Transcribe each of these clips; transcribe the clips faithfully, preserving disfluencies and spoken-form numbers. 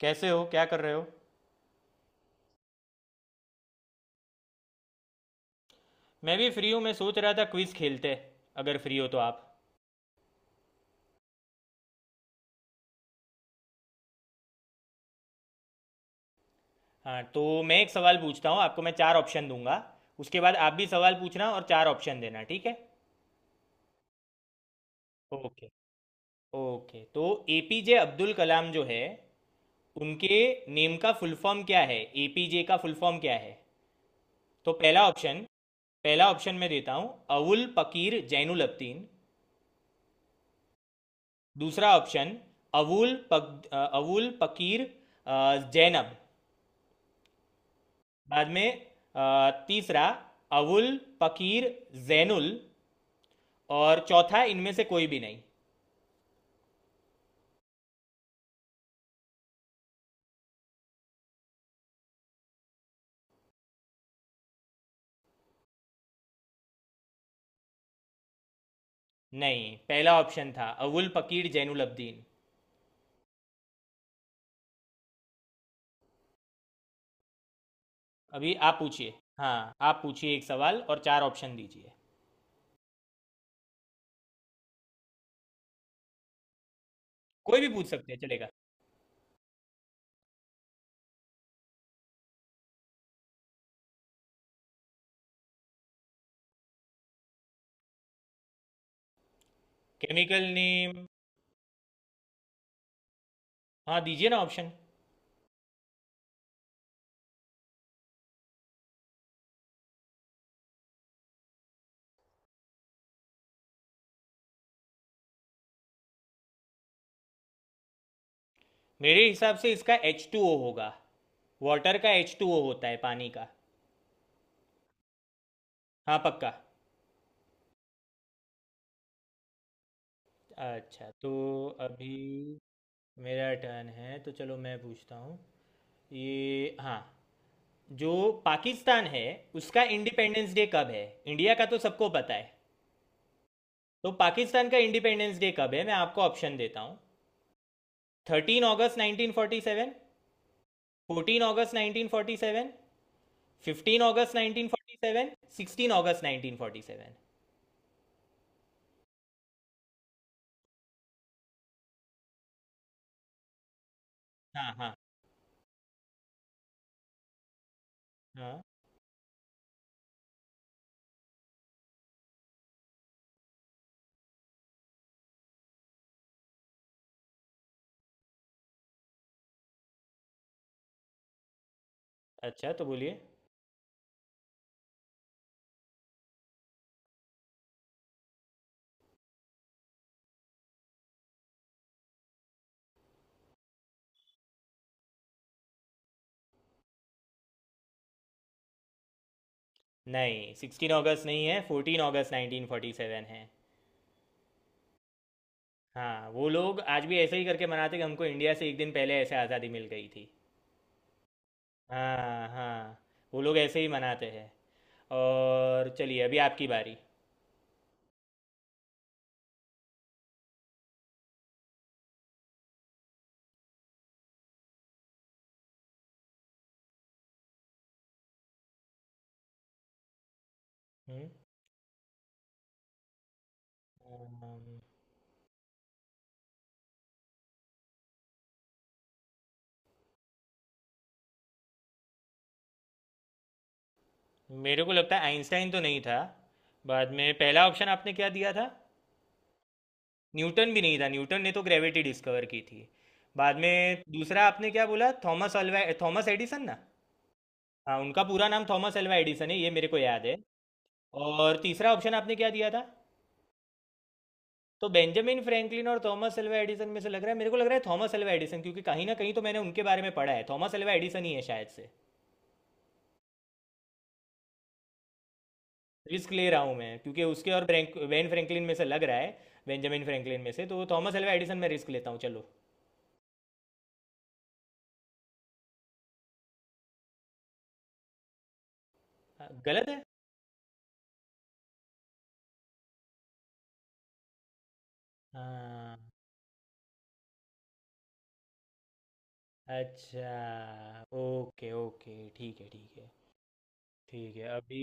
कैसे हो? क्या कर रहे हो? मैं भी फ्री हूँ। मैं सोच रहा था क्विज खेलते, अगर फ्री हो तो आप। हाँ, तो मैं एक सवाल पूछता हूँ आपको, मैं चार ऑप्शन दूंगा। उसके बाद आप भी सवाल पूछना और चार ऑप्शन देना, ठीक है? ओके। ओके, तो एपीजे अब्दुल कलाम जो है उनके नेम का फुल फॉर्म क्या है? एपीजे का फुल फॉर्म क्या है? तो पहला ऑप्शन, पहला ऑप्शन मैं देता हूँ। अवुल पकीर जैनुल अब्दीन। दूसरा ऑप्शन, अवुल पक अवुल पकीर अ, जैनब। बाद में अ, तीसरा, अवुल फकीर जैनुल। और चौथा, इनमें से कोई भी नहीं। नहीं, पहला ऑप्शन था अवुल फकीर जैनुल अब्दीन। अभी आप पूछिए। हाँ, आप पूछिए, एक सवाल और चार ऑप्शन दीजिए। कोई भी पूछ सकते हैं, चलेगा। Chemical name? हाँ, दीजिए ना ऑप्शन। मेरे हिसाब से इसका एच टू ओ होगा। वाटर का एच टू ओ होता है, पानी का। हाँ, पक्का। अच्छा, तो अभी मेरा टर्न है, तो चलो मैं पूछता हूँ। ये, हाँ, जो पाकिस्तान है उसका इंडिपेंडेंस डे कब है? इंडिया का तो सबको पता है। तो पाकिस्तान का इंडिपेंडेंस डे कब है, मैं आपको ऑप्शन देता हूँ। थर्टीन अगस्त नाइन्टीन फोर्टी सेवन, फोर्टीन अगस्त नाइन्टीन फोर्टी सेवन, फिफ्टीन अगस्त नाइन्टीन फोर्टी सेवन, सिक्सटीन अगस्त नाइन्टीन फोर्टी सेवन। हाँ, हाँ, हाँ। अच्छा, तो बोलिए। नहीं, सिक्सटीन अगस्त नहीं है, फोर्टीन अगस्त नाइन्टीन फोर्टी सेवन है। हाँ, वो लोग आज भी ऐसे ही करके मनाते कि हमको इंडिया से एक दिन पहले ऐसे आज़ादी मिल गई थी। हाँ, हाँ, वो लोग ऐसे ही मनाते हैं। और चलिए अभी आपकी बारी। हम्म। अम्म, मेरे को लगता है आइंस्टाइन तो नहीं था। बाद में पहला ऑप्शन आपने क्या दिया था? न्यूटन भी नहीं था, न्यूटन ने तो ग्रेविटी डिस्कवर की थी। बाद में दूसरा आपने क्या बोला, थॉमस अल्वा, थॉमस एडिसन ना? हाँ, उनका पूरा नाम थॉमस अल्वा एडिसन है, ये मेरे को याद है। और तीसरा ऑप्शन आपने क्या दिया था? तो बेंजामिन फ्रैंकलिन और थॉमस अल्वा एडिसन में से लग रहा है, मेरे को लग रहा है थॉमस अल्वा एडिसन, क्योंकि कहीं ना कहीं तो मैंने उनके बारे में पढ़ा है, थॉमस अल्वा एडिसन ही है शायद से। रिस्क ले रहा हूँ मैं, क्योंकि उसके और ब्रैंक वेन फ्रैंकलिन में से लग रहा है। बेंजामिन फ्रैंकलिन में से तो थॉमस अल्वा एडिसन में रिस्क लेता हूँ, चलो। आ, गलत है। हाँ। अच्छा, ओके, ओके, ठीक है, ठीक है। ठीक है अभी।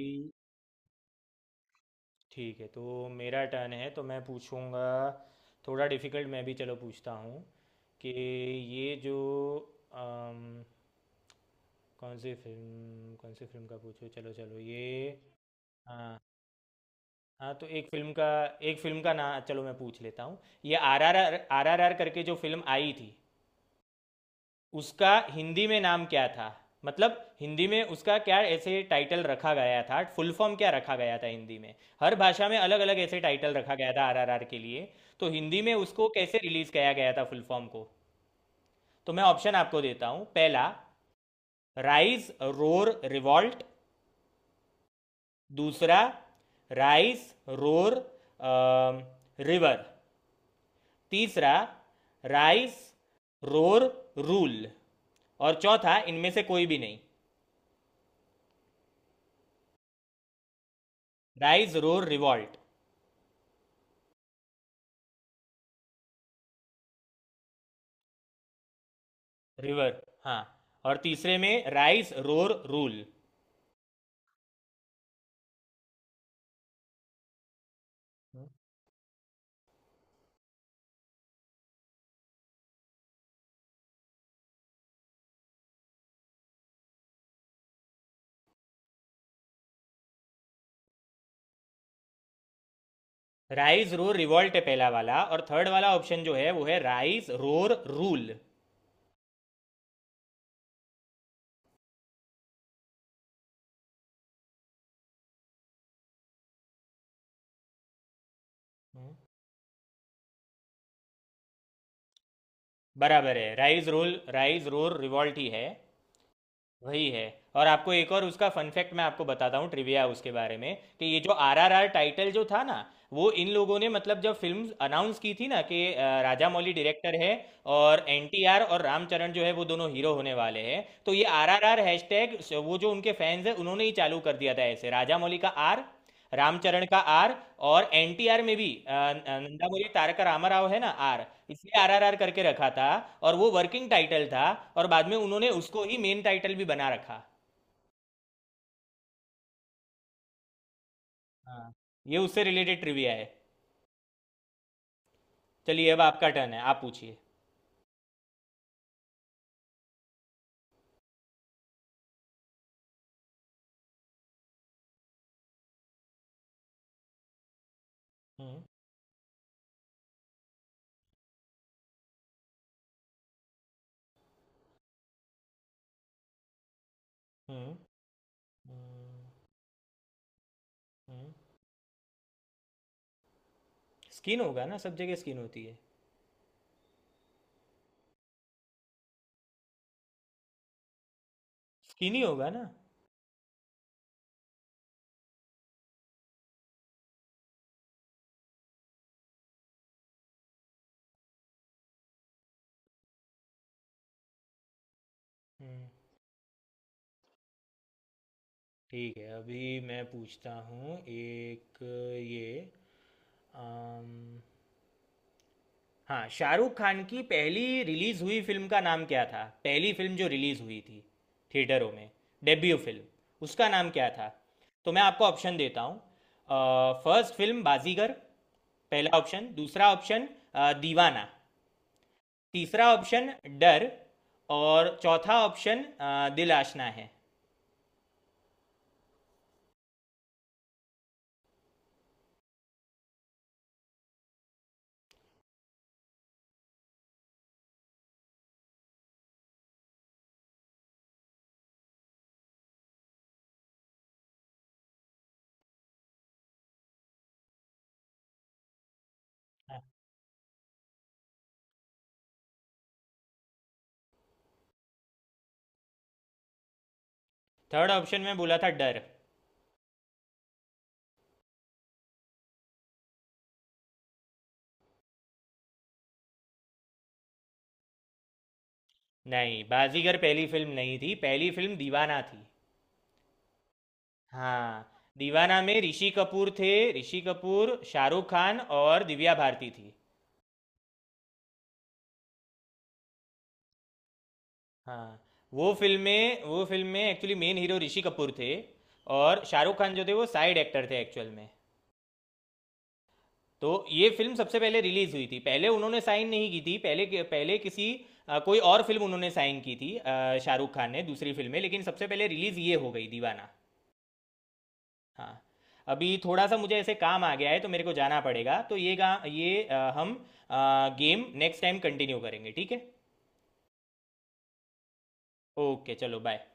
ठीक है, तो मेरा टर्न है, तो मैं पूछूंगा। थोड़ा डिफिकल्ट मैं भी चलो पूछता हूँ कि ये जो अम, कौन सी फिल्म, कौन सी फिल्म का पूछूं, चलो, चलो, ये आ, हाँ, तो एक फिल्म का, एक फिल्म का नाम चलो मैं पूछ लेता हूँ। ये R R R R R R करके जो फिल्म आई थी, उसका हिंदी में नाम क्या था? मतलब हिंदी में उसका क्या ऐसे टाइटल रखा गया था, फुल फॉर्म क्या रखा गया था हिंदी में? हर भाषा में अलग अलग ऐसे टाइटल रखा गया था आर आर आर के लिए। तो हिंदी में उसको कैसे रिलीज किया गया था फुल फॉर्म को? तो मैं ऑप्शन आपको देता हूँ। पहला, राइज रोर रिवॉल्ट। दूसरा, राइज रोर रिवर। तीसरा, राइस रोर रूल। और चौथा, इनमें से कोई भी नहीं। राइस रोर रिवॉल्ट, रिवर, हाँ, और तीसरे में rise roar rule. Rise roar revolt है पहला वाला, और थर्ड वाला ऑप्शन जो है वो है राइस रोर रूल। बराबर है, rise role, rise roar revolt ही है। वही है। और आपको एक और उसका फन फैक्ट मैं आपको बताता हूँ, ट्रिविया उसके बारे में, कि ये जो आरआरआर टाइटल जो था ना, वो इन लोगों ने, मतलब जब फिल्म अनाउंस की थी ना कि अ, राजा मौली डायरेक्टर है, और एनटीआर और रामचरण जो है वो दोनों हीरो होने वाले हैं, तो ये आरआरआर हैशटैग वो जो उनके फैंस हैं उन्होंने ही चालू कर दिया था। ऐसे राजा मौली का आर, रामचरण का आर, और एनटीआर में भी अ, नंदामूरी तारका रामाराव है ना आर, इसलिए आरआरआर करके रखा था। और वो वर्किंग टाइटल था, और बाद में उन्होंने उसको ही मेन टाइटल भी बना रखा। हाँ, ये उससे रिलेटेड ट्रिविया है। चलिए, अब आपका टर्न है, आप पूछिए। हम्म, हम्म, हम्म, हम्म। स्किन होगा ना, सब जगह स्किन होती है। स्किन ही होगा ना। हम्म। ठीक है, अभी मैं पूछता हूँ एक। ये आम... हाँ, शाहरुख खान की पहली रिलीज हुई फिल्म का नाम क्या था? पहली फिल्म जो रिलीज हुई थी थिएटरों में, डेब्यू फिल्म, उसका नाम क्या था? तो मैं आपको ऑप्शन देता हूँ। फर्स्ट फिल्म बाजीगर, पहला ऑप्शन। दूसरा ऑप्शन अ, दीवाना। तीसरा ऑप्शन, डर। और चौथा ऑप्शन अ, दिल आशना है। थर्ड ऑप्शन में बोला था डर। नहीं, बाजीगर पहली फिल्म नहीं थी, पहली फिल्म दीवाना थी। हाँ, दीवाना में ऋषि कपूर थे, ऋषि कपूर, शाहरुख खान, और दिव्या भारती थी। हाँ, वो फिल्म में वो फिल्म में actually main hero Rishi Kapoor थे। और शाहरुख खान जो थे वो साइड एक्टर थे एक्चुअल में। तो ये फिल्म सबसे पहले रिलीज हुई थी, पहले उन्होंने साइन नहीं की थी, पहले पहले किसी अ, कोई और फिल्म उन्होंने साइन की थी, अ, शाहरुख खान ने दूसरी फिल्म में, लेकिन सबसे पहले रिलीज ये हो गई दीवाना। हाँ। अभी थोड़ा सा मुझे ऐसे काम आ गया है, तो मेरे को जाना पड़ेगा, तो ये गा ये अ, हम आ, गेम नेक्स्ट टाइम कंटिन्यू करेंगे, ठीक है? ओके, चलो, बाय।